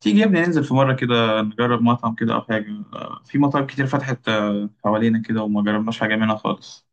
تيجي يا ابني، ننزل في مرة كده نجرب مطعم كده أو حاجة. في مطاعم كتير فتحت حوالينا كده وما جربناش حاجة منها خالص.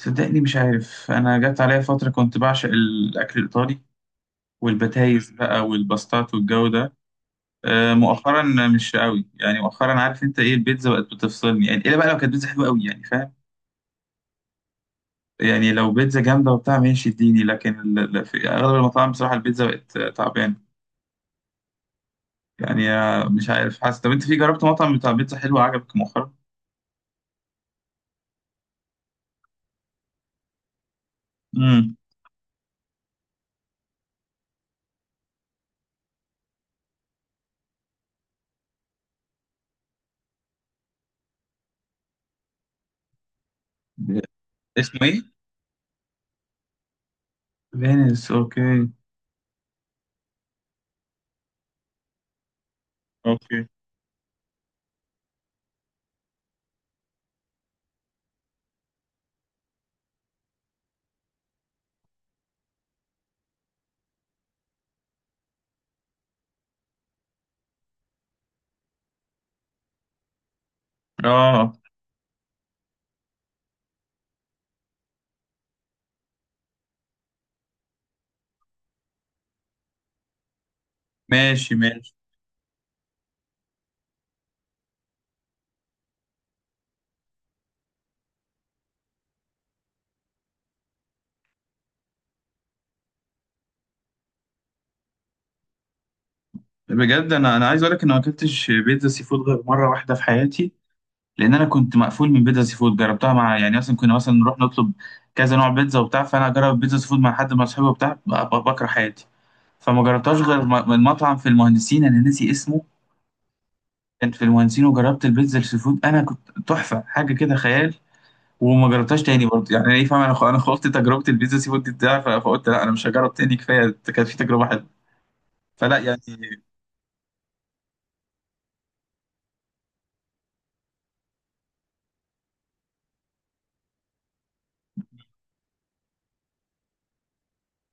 صدقني مش عارف، أنا جت عليا فترة كنت بعشق الأكل الإيطالي والبتايز بقى والباستات والجو ده مؤخرا. مش قوي يعني مؤخرا. عارف انت ايه؟ البيتزا بقت بتفصلني يعني، الا بقى لو كانت بيتزا حلوه قوي، يعني فاهم. يعني لو بيتزا جامده وبتاع ماشي اديني، لكن في اغلب المطاعم بصراحه البيتزا بقت تعبانه. يعني مش عارف، حاسس. طب انت في جربت مطعم بتاع بيتزا حلو عجبك مؤخرا؟ امم. اسمه ايه؟ فينيس. اوكي. اوكي. اه، ماشي ماشي. بجد، انا عايز اقول لك ان ما اكلتش بيتزا سي فود غير مره واحده في حياتي. لان انا كنت مقفول من بيتزا سي فود. جربتها مع، يعني مثلا كنا مثلا نروح نطلب كذا نوع بيتزا وبتاع، فانا اجرب بيتزا سي فود مع حد من اصحابي وبتاع، بكره حياتي. فما جربتهاش غير من مطعم في المهندسين، انا ناسي اسمه. كان في المهندسين، وجربت البيتزا السي فود، انا كنت تحفه، حاجه كده خيال. وما جربتهاش تاني برضه، يعني ايه فاهم؟ انا خلطت تجربه البيتزا سي فود بتاعي، فقلت لا، انا مش هجرب تاني، كفايه كانت في تجربه حلوه. فلا يعني.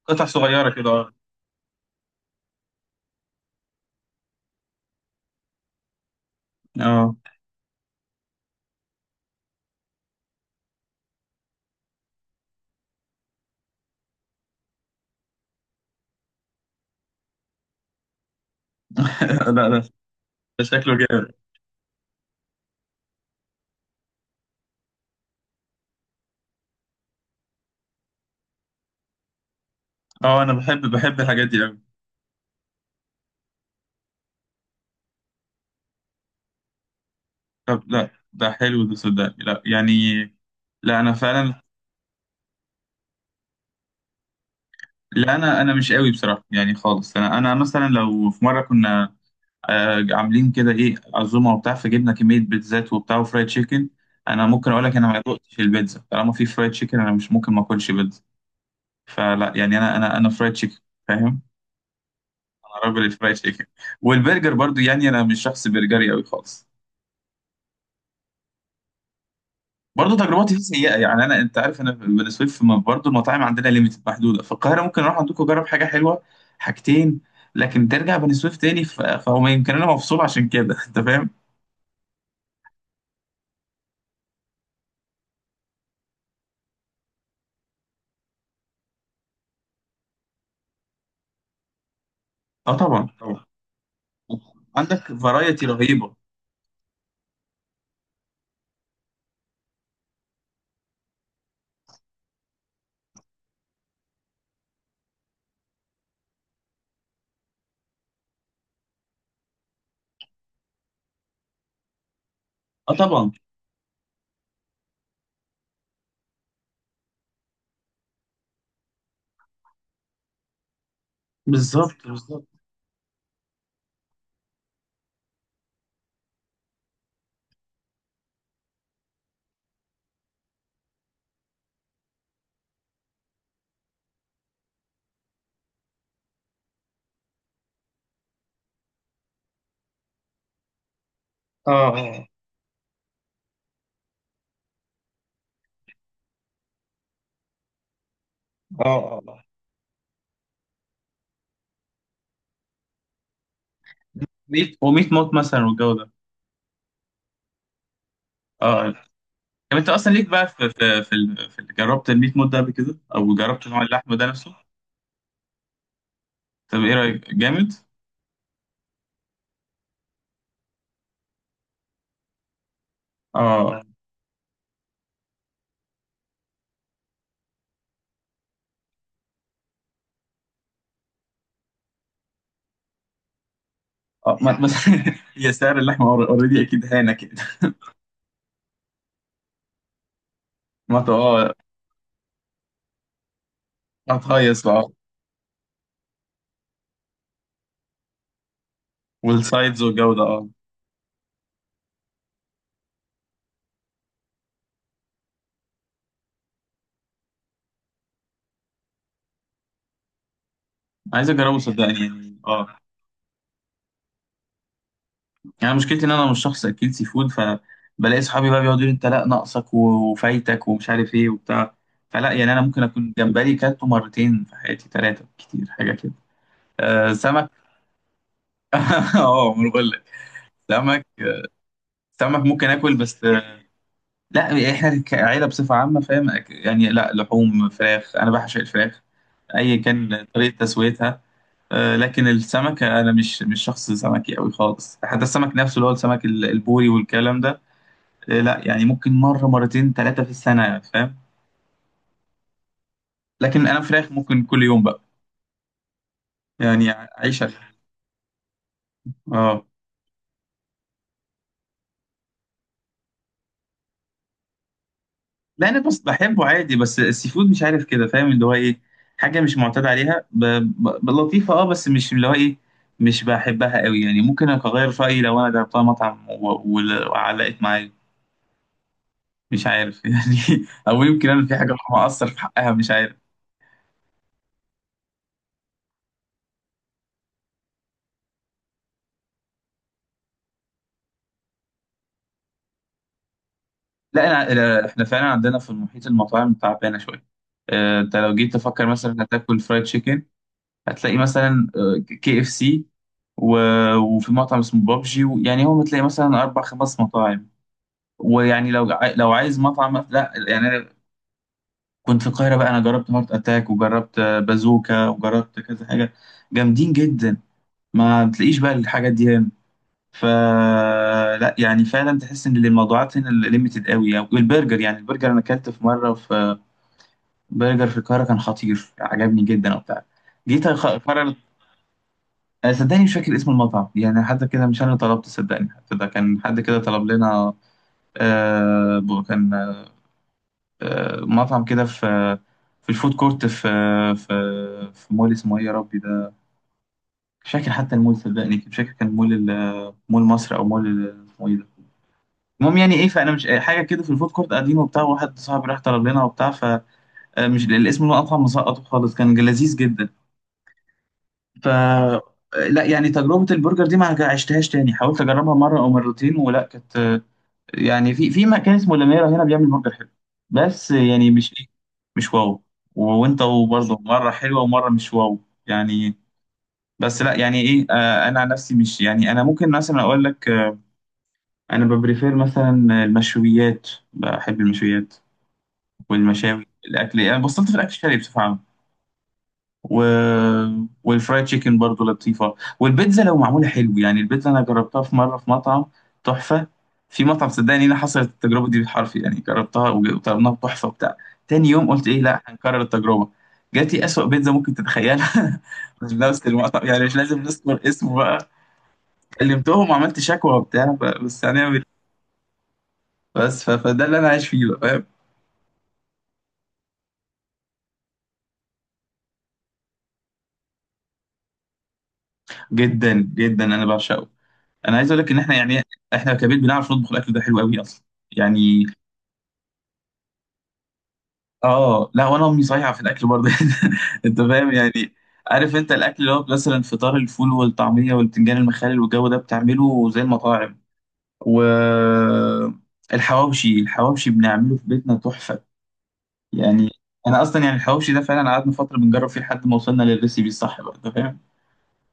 قطع صغيره كده. اه. اه. لا لا، ده شكله جامد. اه، انا بحب بحب الحاجات دي قوي. طب لا، ده حلو ده صدقني، لا يعني. لا، انا فعلا. لا، انا مش قوي بصراحه يعني خالص، انا مثلا لو في مره كنا عاملين كده ايه عزومه وبتاع، فجبنا كميه بيتزات وبتاع وفرايد تشيكن. انا ممكن اقول لك، انا ما دقتش البيتزا طالما في فرايد تشيكن، انا مش ممكن ما اكلش بيتزا. فلا يعني، انا فرايد تشيكن. فاهم. انا راجل الفرايد تشيكن. والبرجر برضو يعني، انا مش شخص برجري قوي خالص. برضو تجربتي فيه سيئه يعني، انا، انت عارف، انا بالنسبه لي في برضو المطاعم عندنا ليميتد محدوده في القاهره، ممكن اروح عندكم اجرب حاجه حلوه. حاجتين. لكن ترجع بني سويف تاني، فهو يمكن انا مفصول عشان كده. انت فاهم. اه طبعا طبعا. عندك فرايتي رهيبه. اه طبعا. بالظبط بالظبط. اه اه اه اه. ميت وميت موت مثلا والجو ده، اه، آه. طب انت اصلا ليك بقى في جربت الميت موت ده قبل كده، او جربت نوع اللحم ده نفسه؟ طب ايه رايك؟ جامد. اه اه، هي سعر اللحمه اوريدي اكيد هانا كده. ما ت- اه، هتهيص بقى. والسايدز والجو ده، اه. عايز اجربه صدقني يعني، اه. يعني مشكلتي ان انا مش شخص اكيل سي فود، فبلاقي صحابي بقى بيقعدوا يقولوا انت لا، ناقصك وفايتك ومش عارف ايه وبتاع. فلا يعني، انا ممكن اكون جمبري كلته مرتين في حياتي، ثلاثه كتير حاجه كده. سمك. اه، ما أنا بقول لك. سمك. سمك ممكن اكل، بس لا، احنا كعيله بصفه عامه فاهم، يعني لا، لحوم فراخ انا بعشق الفراخ. اي كان طريقه تسويتها. لكن السمك، انا مش شخص سمكي قوي خالص، حتى السمك نفسه اللي هو السمك البوري والكلام ده. إيه، لا يعني، ممكن مرة مرتين ثلاثة في السنة، فاهم. لكن أنا فراخ ممكن كل يوم بقى. يعني، عيشة، اه. لا، أنا بس بحبه عادي، بس السي فود مش عارف كده، فاهم، اللي هو إيه. حاجة مش معتاد عليها، لطيفة، بس مش اللي هو إيه. مش بحبها قوي يعني، ممكن أغير رأيي لو أنا جربتها مطعم و... و... وعلقت معايا. مش عارف. يعني أو يمكن أنا في حاجة مقصر في حقها، مش عارف. لا، إحنا فعلا عندنا في المحيط المطاعم تعبانة شوية. انت لو جيت تفكر مثلا هتاكل فرايد تشيكن، هتلاقي مثلا KFC، وفي مطعم اسمه بابجي، يعني هو بتلاقي مثلا اربع خمس مطاعم. ويعني لو عايز مطعم، لا يعني أنا كنت في القاهره بقى، انا جربت هارت اتاك، وجربت بازوكا، وجربت كذا حاجه. جامدين جدا. ما بتلاقيش بقى الحاجات دي هنا. فلا يعني، فعلا تحس ان الموضوعات هنا ليميتد قوي يعني. والبرجر، يعني البرجر، انا اكلت في مره في برجر في القاهره كان خطير، عجبني جدا وبتاع. جيت المره، صدقني مش فاكر اسم المطعم يعني، حتى كده مش انا طلبت، صدقني حتى ده كان حد كده طلب لنا. كان مطعم كده في، في الفود كورت، في، في، في مول اسمه ايه يا ربي ده؟ مش فاكر حتى المول صدقني، مش فاكر، كان مول مصر او اسمه ايه ده؟ المهم يعني ايه، فانا مش حاجه كده، في الفود كورت قاعدين وبتاع، واحد صاحبي راح طلب لنا وبتاع. فمش الاسم المطعم، مسقطه خالص، كان لذيذ جدا. ف، لا يعني، تجربة البرجر دي ما هج- عشتهاش تاني، حاولت أجربها مرة أو مرتين ولا كانت يعني، في مكان اسمه لميرا هنا بيعمل برجر حلو، بس يعني مش إيه. مش واو. وأنت برضه مرة حلوة ومرة مش واو، يعني. بس لا يعني إيه، أنا عن نفسي مش يعني، أنا ممكن مثلا أقول لك، أنا ببريفير مثلا المشويات، بحب المشويات والمشاوي، الأكل يعني بصلت في الأكل الشرقي بصفة عامة. و، والفرايد تشيكن برضو لطيفة، والبيتزا لو معمولة حلو، يعني البيتزا أنا جربتها في مرة في مطعم تحفة، في مطعم صدقني، أنا حصلت التجربة دي بالحرف يعني، جربتها وطلبناها بتحفة وبتاع. تاني يوم قلت إيه؟ لا هنكرر التجربة. جات لي أسوأ بيتزا ممكن تتخيلها من نفس المطعم، يعني مش لازم نذكر اسمه بقى. كلمتهم وعملت شكوى وبتاع، بس هنعمل إيه؟ بس فده اللي أنا عايش فيه بقى، فاهم؟ جدا جدا، أنا بعشقه. أنا عايز أقول لك إن إحنا يعني، إحنا كبيت بنعرف نطبخ الأكل ده حلو قوي أصلا. يعني، اه لا وانا امي صايعه في الاكل برضه. انت فاهم يعني. عارف انت الاكل اللي هو مثلا فطار الفول والطعميه والبتنجان المخلل والجو ده، بتعمله زي المطاعم. و، الحواوشي، الحواوشي بنعمله في بيتنا تحفه. يعني، انا اصلا يعني الحواوشي ده فعلا قعدنا فتره بنجرب فيه لحد ما وصلنا للريسيبي الصح بقى، انت فاهم.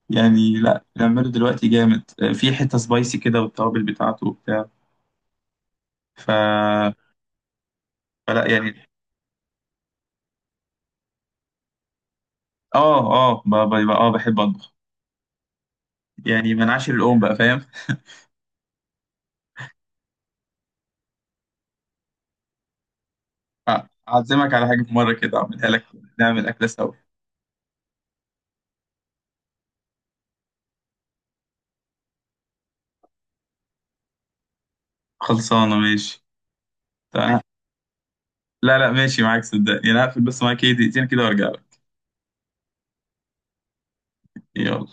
يعني لا، بنعمله دلوقتي جامد، في حته سبايسي كده والتوابل بتاعته وبتاع. ف... فلا يعني. اه اه، اه بحب اطبخ. يعني من عاشر الام بقى، فاهم. أعزمك على حاجة في مرة كده أعملها لك. نعمل أكلة سوا. خلصانة، ماشي. تمام. لا لا، ماشي معاك، صدقني أنا هقفل بس معاك إيه دقيقتين كده وأرجع لك. يلا